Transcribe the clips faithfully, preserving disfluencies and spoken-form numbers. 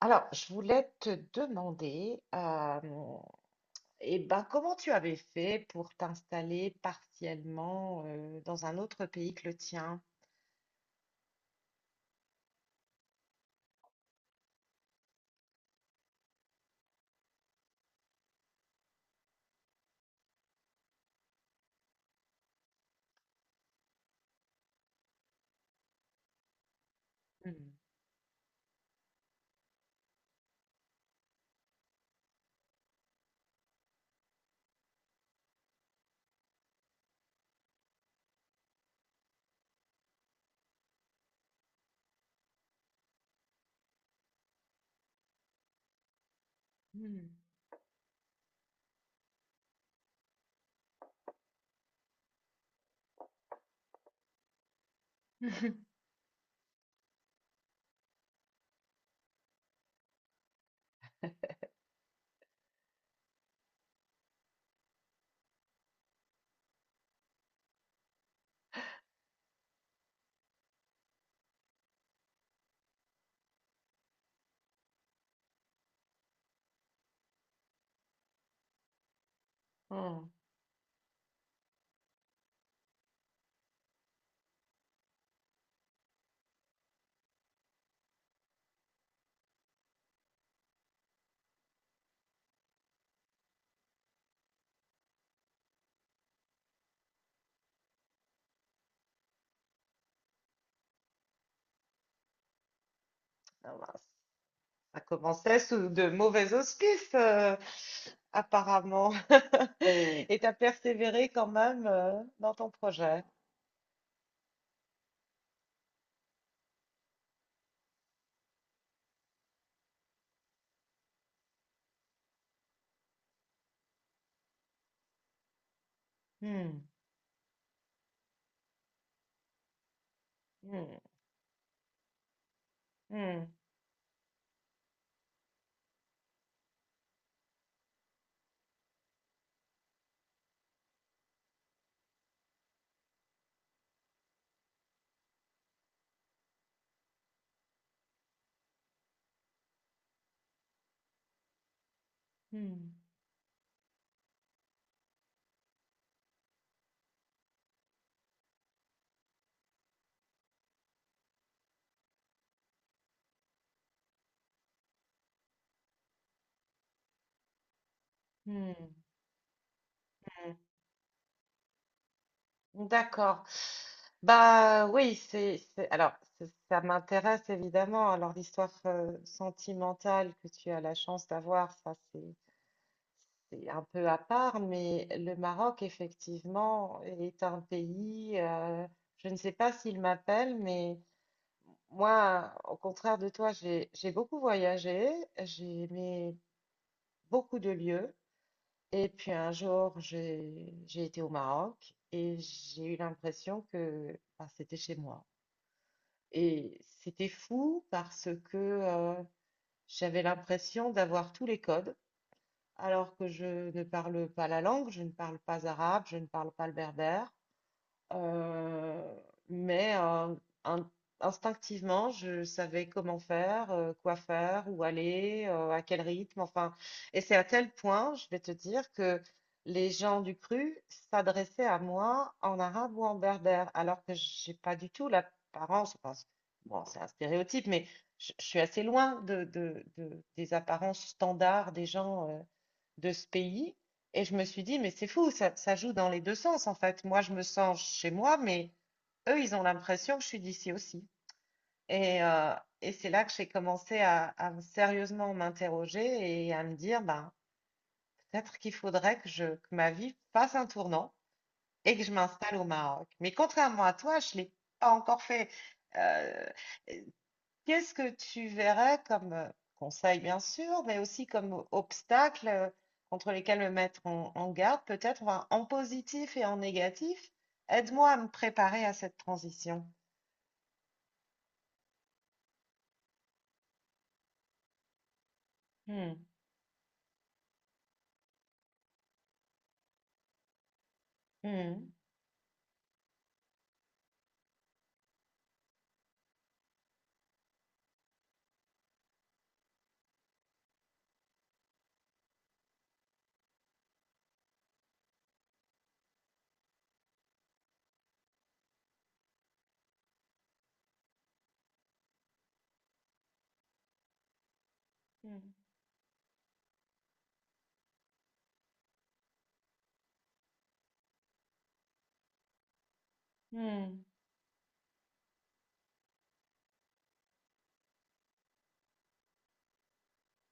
Alors, je voulais te demander, euh, eh ben, comment tu avais fait pour t'installer partiellement euh, dans un autre pays que le tien? Hmm. Hmm. Hmm. Ah ben, ça commençait sous de mauvais auspices, euh, apparemment. Et tu as persévéré quand même euh, dans ton projet. Hmm. Hmm. Hmm. Hmm. Hmm. Hmm. D'accord. Bah oui, c'est, c'est- alors c'est- ça m'intéresse évidemment. Alors l'histoire euh, sentimentale que tu as la chance d'avoir, ça c'est c'est un peu à part, mais le Maroc effectivement est un pays. Euh, je ne sais pas s'il m'appelle, mais moi, au contraire de toi, j'ai j'ai beaucoup voyagé, j'ai aimé beaucoup de lieux. Et puis un jour, j'ai j'ai été au Maroc et j'ai eu l'impression que ah, c'était chez moi. Et c'était fou parce que euh, j'avais l'impression d'avoir tous les codes, alors que je ne parle pas la langue, je ne parle pas arabe, je ne parle pas le berbère. Euh, mais euh, in- instinctivement, je savais comment faire, euh, quoi faire, où aller, euh, à quel rythme. Enfin, et c'est à tel point, je vais te dire, que les gens du cru s'adressaient à moi en arabe ou en berbère, alors que j'ai pas du tout l'apparence. Enfin, c'est- bon, c'est un stéréotype, mais je, je suis assez loin de, de- de- des apparences standards des gens euh, de ce pays. Et je me suis dit, mais c'est fou, ça, ça joue dans les deux sens en fait. Moi, je me sens chez moi, mais eux, ils ont l'impression que je suis d'ici aussi. Et, euh, et c'est là que j'ai commencé à, à me- sérieusement m'interroger et à me dire, ben, peut-être qu'il faudrait que, je, que ma vie fasse un tournant et que je m'installe au Maroc. Mais contrairement à toi, je ne l'ai pas encore fait. Euh, Qu'est-ce que tu verrais comme euh, conseil, bien sûr, mais aussi comme euh, obstacle euh, contre lesquels me mettre en, en garde, peut-être, enfin, en positif et en négatif? Aide-moi à me préparer à cette transition. Hmm. Hmm. Hmm. Hmm.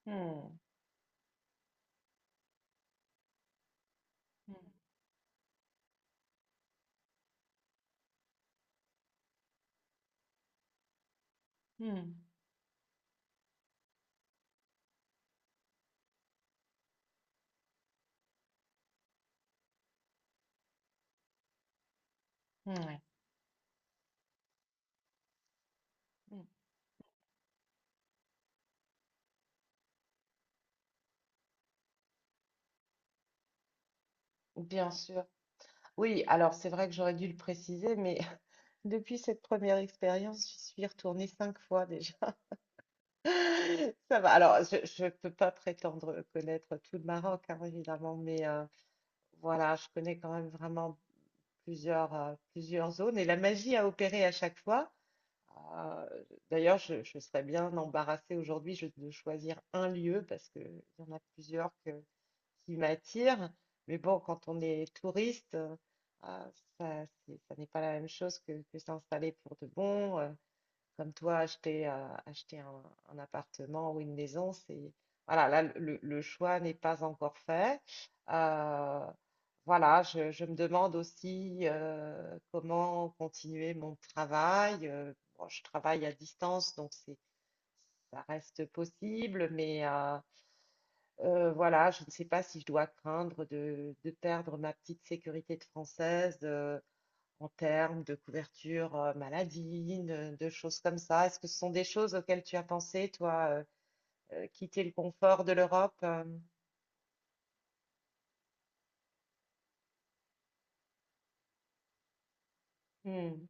Hmm. Hmm. Hmm, ouais. Hmm. Bien sûr. Oui, alors c'est vrai que j'aurais dû le préciser, mais depuis cette première expérience, j'y suis retournée cinq fois déjà. Ça va. Alors, je ne peux pas prétendre connaître tout le Maroc, hein, évidemment, mais euh, voilà, je connais quand même vraiment plusieurs, euh, plusieurs zones et la magie a opéré à chaque fois. Euh, D'ailleurs, je, je serais bien embarrassée aujourd'hui je- de choisir un lieu parce qu'il y en a plusieurs que- qui m'attirent. Mais bon, quand on est touriste, euh, ça, c'est- ça n'est pas la même chose que, que s'installer pour de bon. Euh, comme toi, acheter, euh, acheter un, un appartement ou une maison, c'est voilà, là le, le choix n'est pas encore fait. Euh, voilà, je, je me demande aussi euh, comment continuer mon travail. Euh, bon, je travaille à distance, donc c'est ça reste possible, mais euh, euh, voilà, je ne sais pas si je dois craindre de, de perdre ma petite sécurité de française. Euh, en termes de couverture euh, maladie, de, de choses comme ça. Est-ce que ce sont des choses auxquelles tu as pensé, toi, euh, euh, quitter le confort de l'Europe? Euh. Hmm.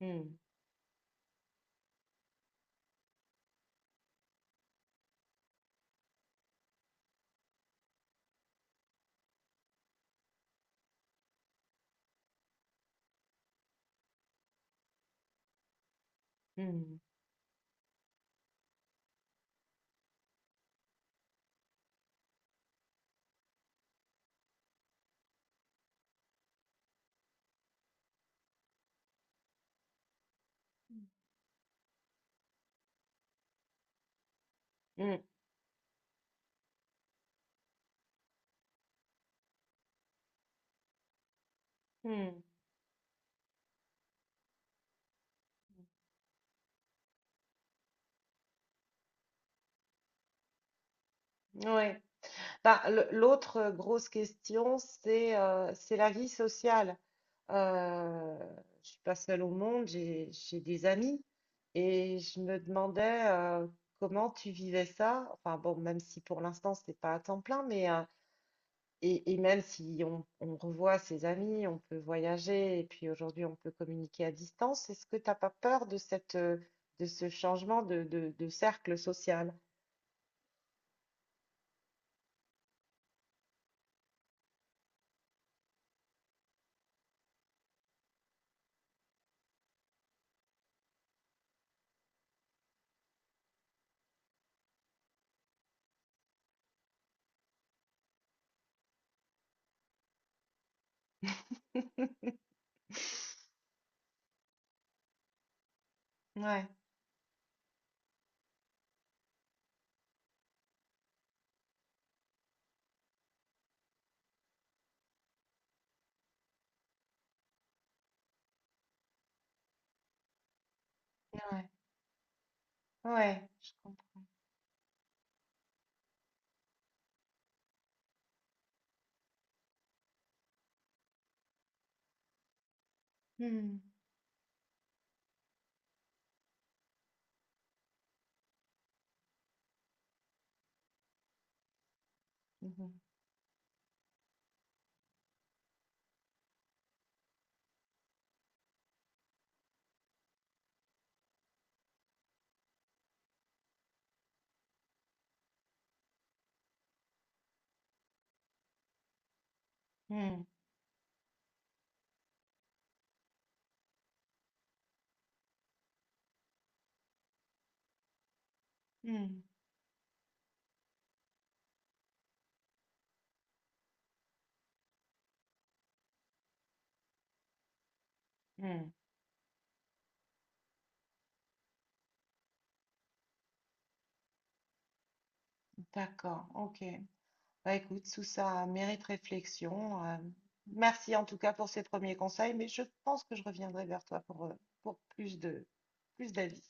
Hmm. Hmm. Hmm. Hmm. Ouais. Bah, le- l'autre grosse question, c'est euh, c'est la vie sociale. Euh, je suis pas seule au monde, j'ai j'ai des amis et je me demandais euh, comment tu vivais ça. Enfin bon, même si pour l'instant c'est pas à temps plein, mais euh. Et, et même si on, on revoit ses amis, on peut voyager et puis aujourd'hui on peut communiquer à distance, est-ce que tu n'as pas peur de cette, euh, de ce changement de, de- de cercle social? Ouais, ouais, ouais, je comprends. Hmm. Mhm. Hmm. Hmm. Hmm. D'accord, ok. Bah écoute, tout ça mérite réflexion. Euh, merci en tout cas pour ces premiers conseils, mais je pense que je reviendrai vers toi pour, euh, pour plus de, plus d'avis.